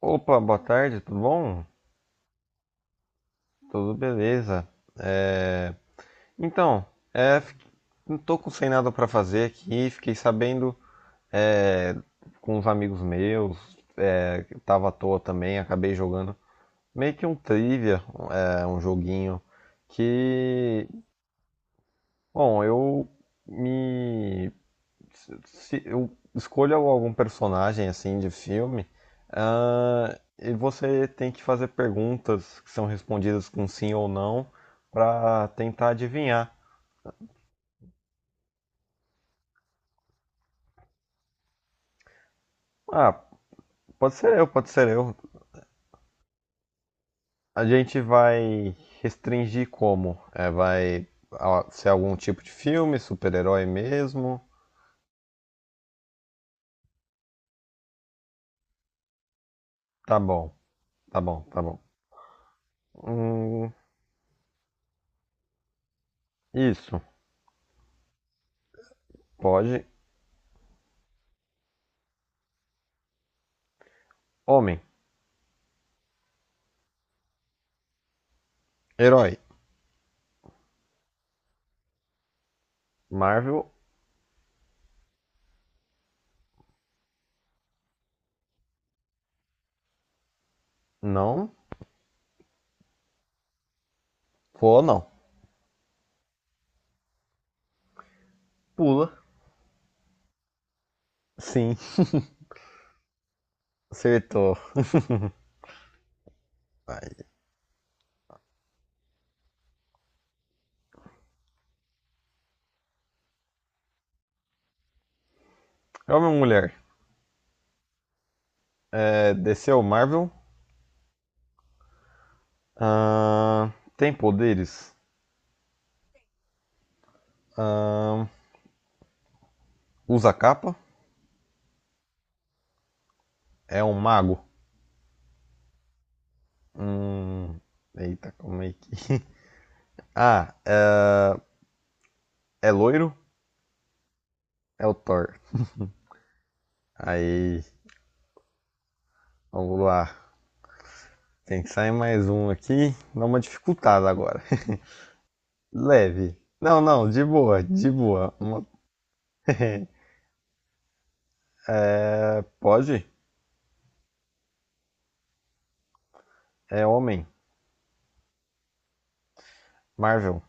Opa, boa tarde, tudo bom? Tudo beleza. É, Então, é, fi- não tô com sem nada pra fazer aqui, fiquei sabendo, é, com uns amigos meus, que tava à toa também, acabei jogando meio que um trivia, um joguinho que, bom, eu me se eu escolho algum personagem assim de filme, e você tem que fazer perguntas que são respondidas com sim ou não para tentar adivinhar. Ah, pode ser eu, pode ser eu. A gente vai restringir como? É, vai, ser algum tipo de filme, super-herói mesmo? Tá bom, tá bom, tá bom. Hum, isso, pode. Homem, herói, Marvel, não. Vou não. Pula, sim. Acertou. Ai. Homem ou mulher? É, desceu Marvel. Ahn, tem poderes? Ahn, usa capa? É um mago? Hum, eita, como é que. Ah, é loiro? É o Thor. Aí, vamos lá. Tem que sair mais um aqui. Dá uma dificultada agora. Leve. Não, não, de boa, de boa. Uma- Pode? É homem. Marvel.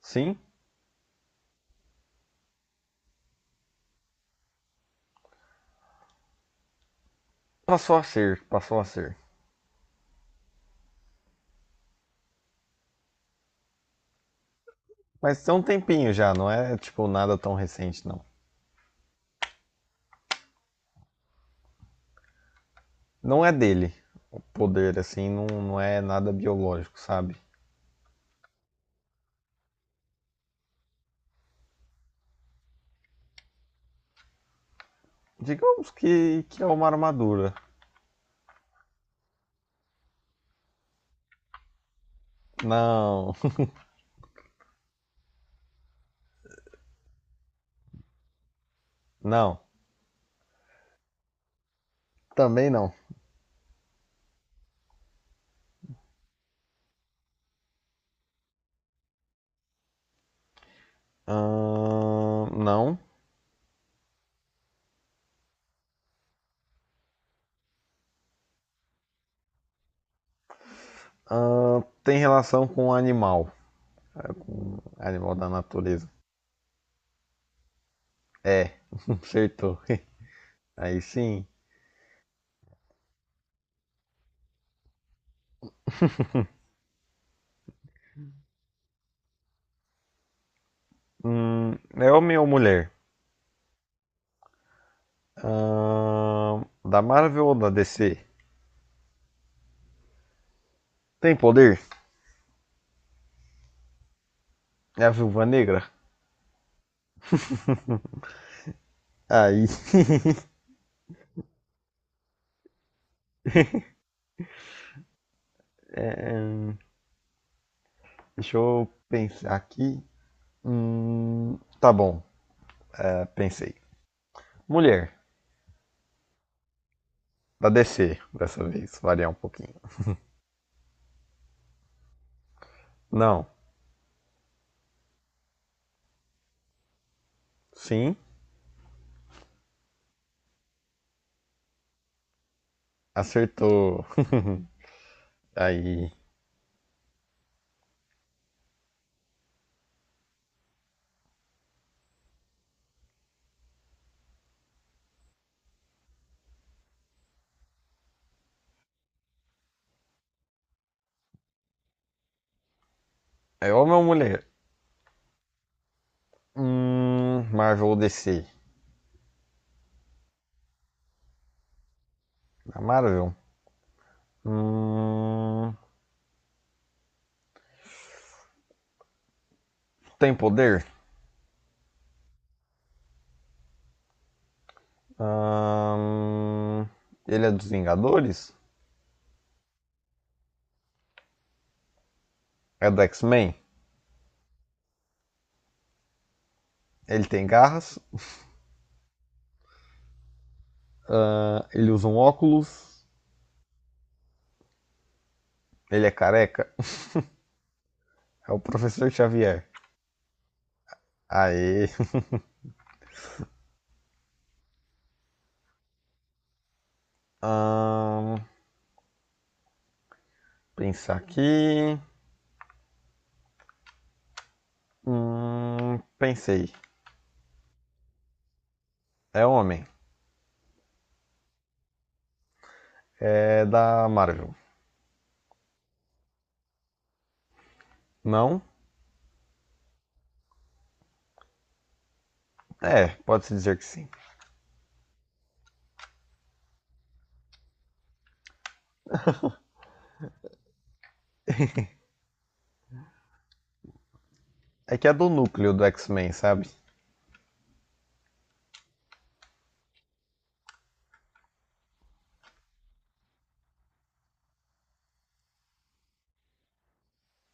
Sim? Passou a ser, passou a ser. Mas tem um tempinho já, não é tipo nada tão recente, não. Não é dele poder, assim, não, não é nada biológico, sabe? Digamos que é uma armadura. Não, não, também não. Não. Tem relação com o animal, animal da natureza. É, acertou. Aí sim. Hum, é homem ou mulher? Ahn, da Marvel ou da DC? Tem poder? É a Viúva Negra? Aí, é, deixa eu pensar aqui. Tá bom. É, pensei. Mulher, da DC, dessa vez, variar um pouquinho. Não, sim, acertou. Aí, é homem ou mulher? Marvel ou DC? Na Marvel? Hum, tem poder? Hum, ele é dos Vingadores? É do X-Men? Ele tem garras? Ele usa um óculos? Ele é careca? É o Professor Xavier. Aê. Hum, pensar aqui. Pensei. É homem. É da Marvel. Não? É, pode-se dizer que sim. É que é do núcleo do X-Men, sabe?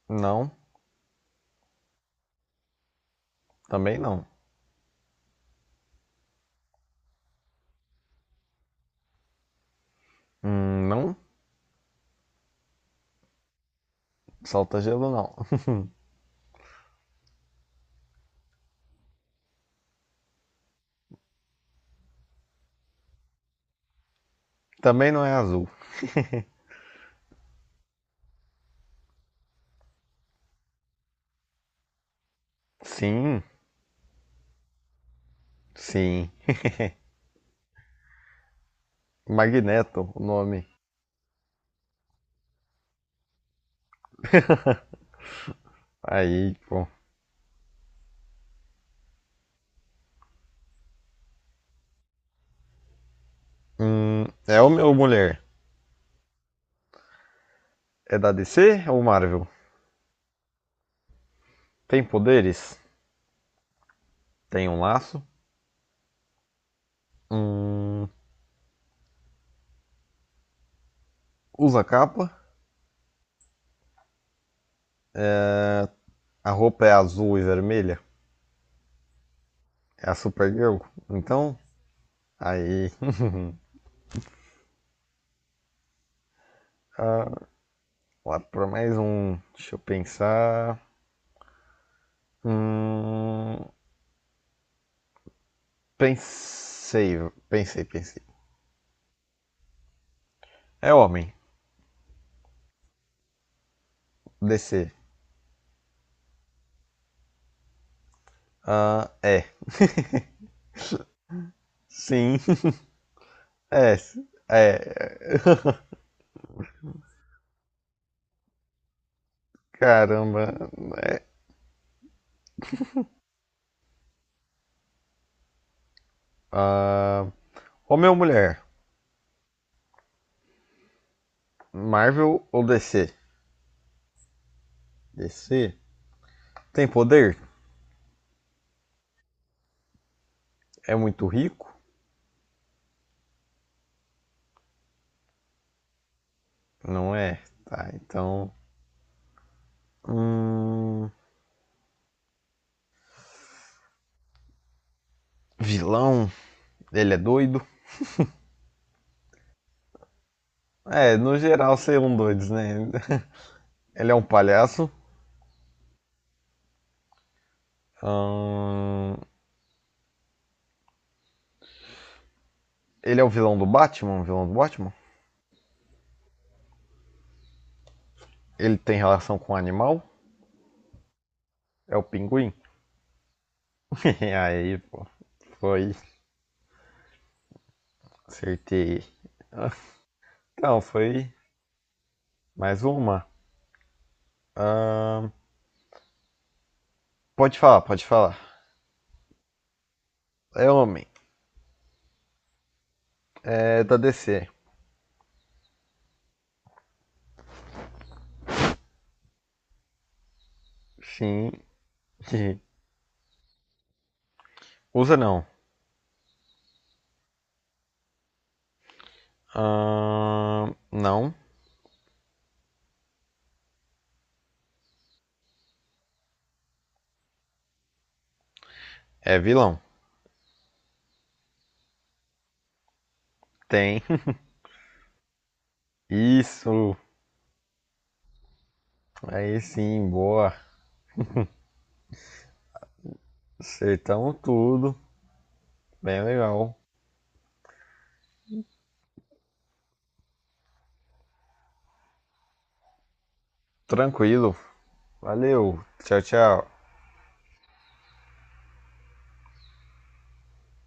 Não, também não. Não? Solta gelo não. também não é azul. Sim, sim. Magneto, o nome. Aí, pô. É homem ou mulher? É da DC ou Marvel? Tem poderes? Tem um laço? Hum, usa capa? A roupa é azul e vermelha? É a Supergirl? Então, aí. Lá para mais um. Deixa eu pensar. Hum, pensei, pensei, pensei. É homem. DC. Ah, é. Sim. É. É. Caramba. Ah, homem ou mulher? Marvel ou DC? DC. Tem poder? É muito rico? Não é. Tá, então. Hum, vilão? Ele é doido? É, no geral, seriam doidos, né? Ele é um palhaço. Ahn, Ele é o vilão do Batman? O vilão do Batman? Ele tem relação com o animal? É o pinguim? Aí, pô. Foi. Acertei. Então, foi mais uma. Ahn, pode falar, pode falar. É homem. É da DC. Sim. Usa não. Não. É vilão. Tem. Isso. Aí sim, boa. Acertamos tudo. Bem legal. Tranquilo. Valeu. Tchau, tchau.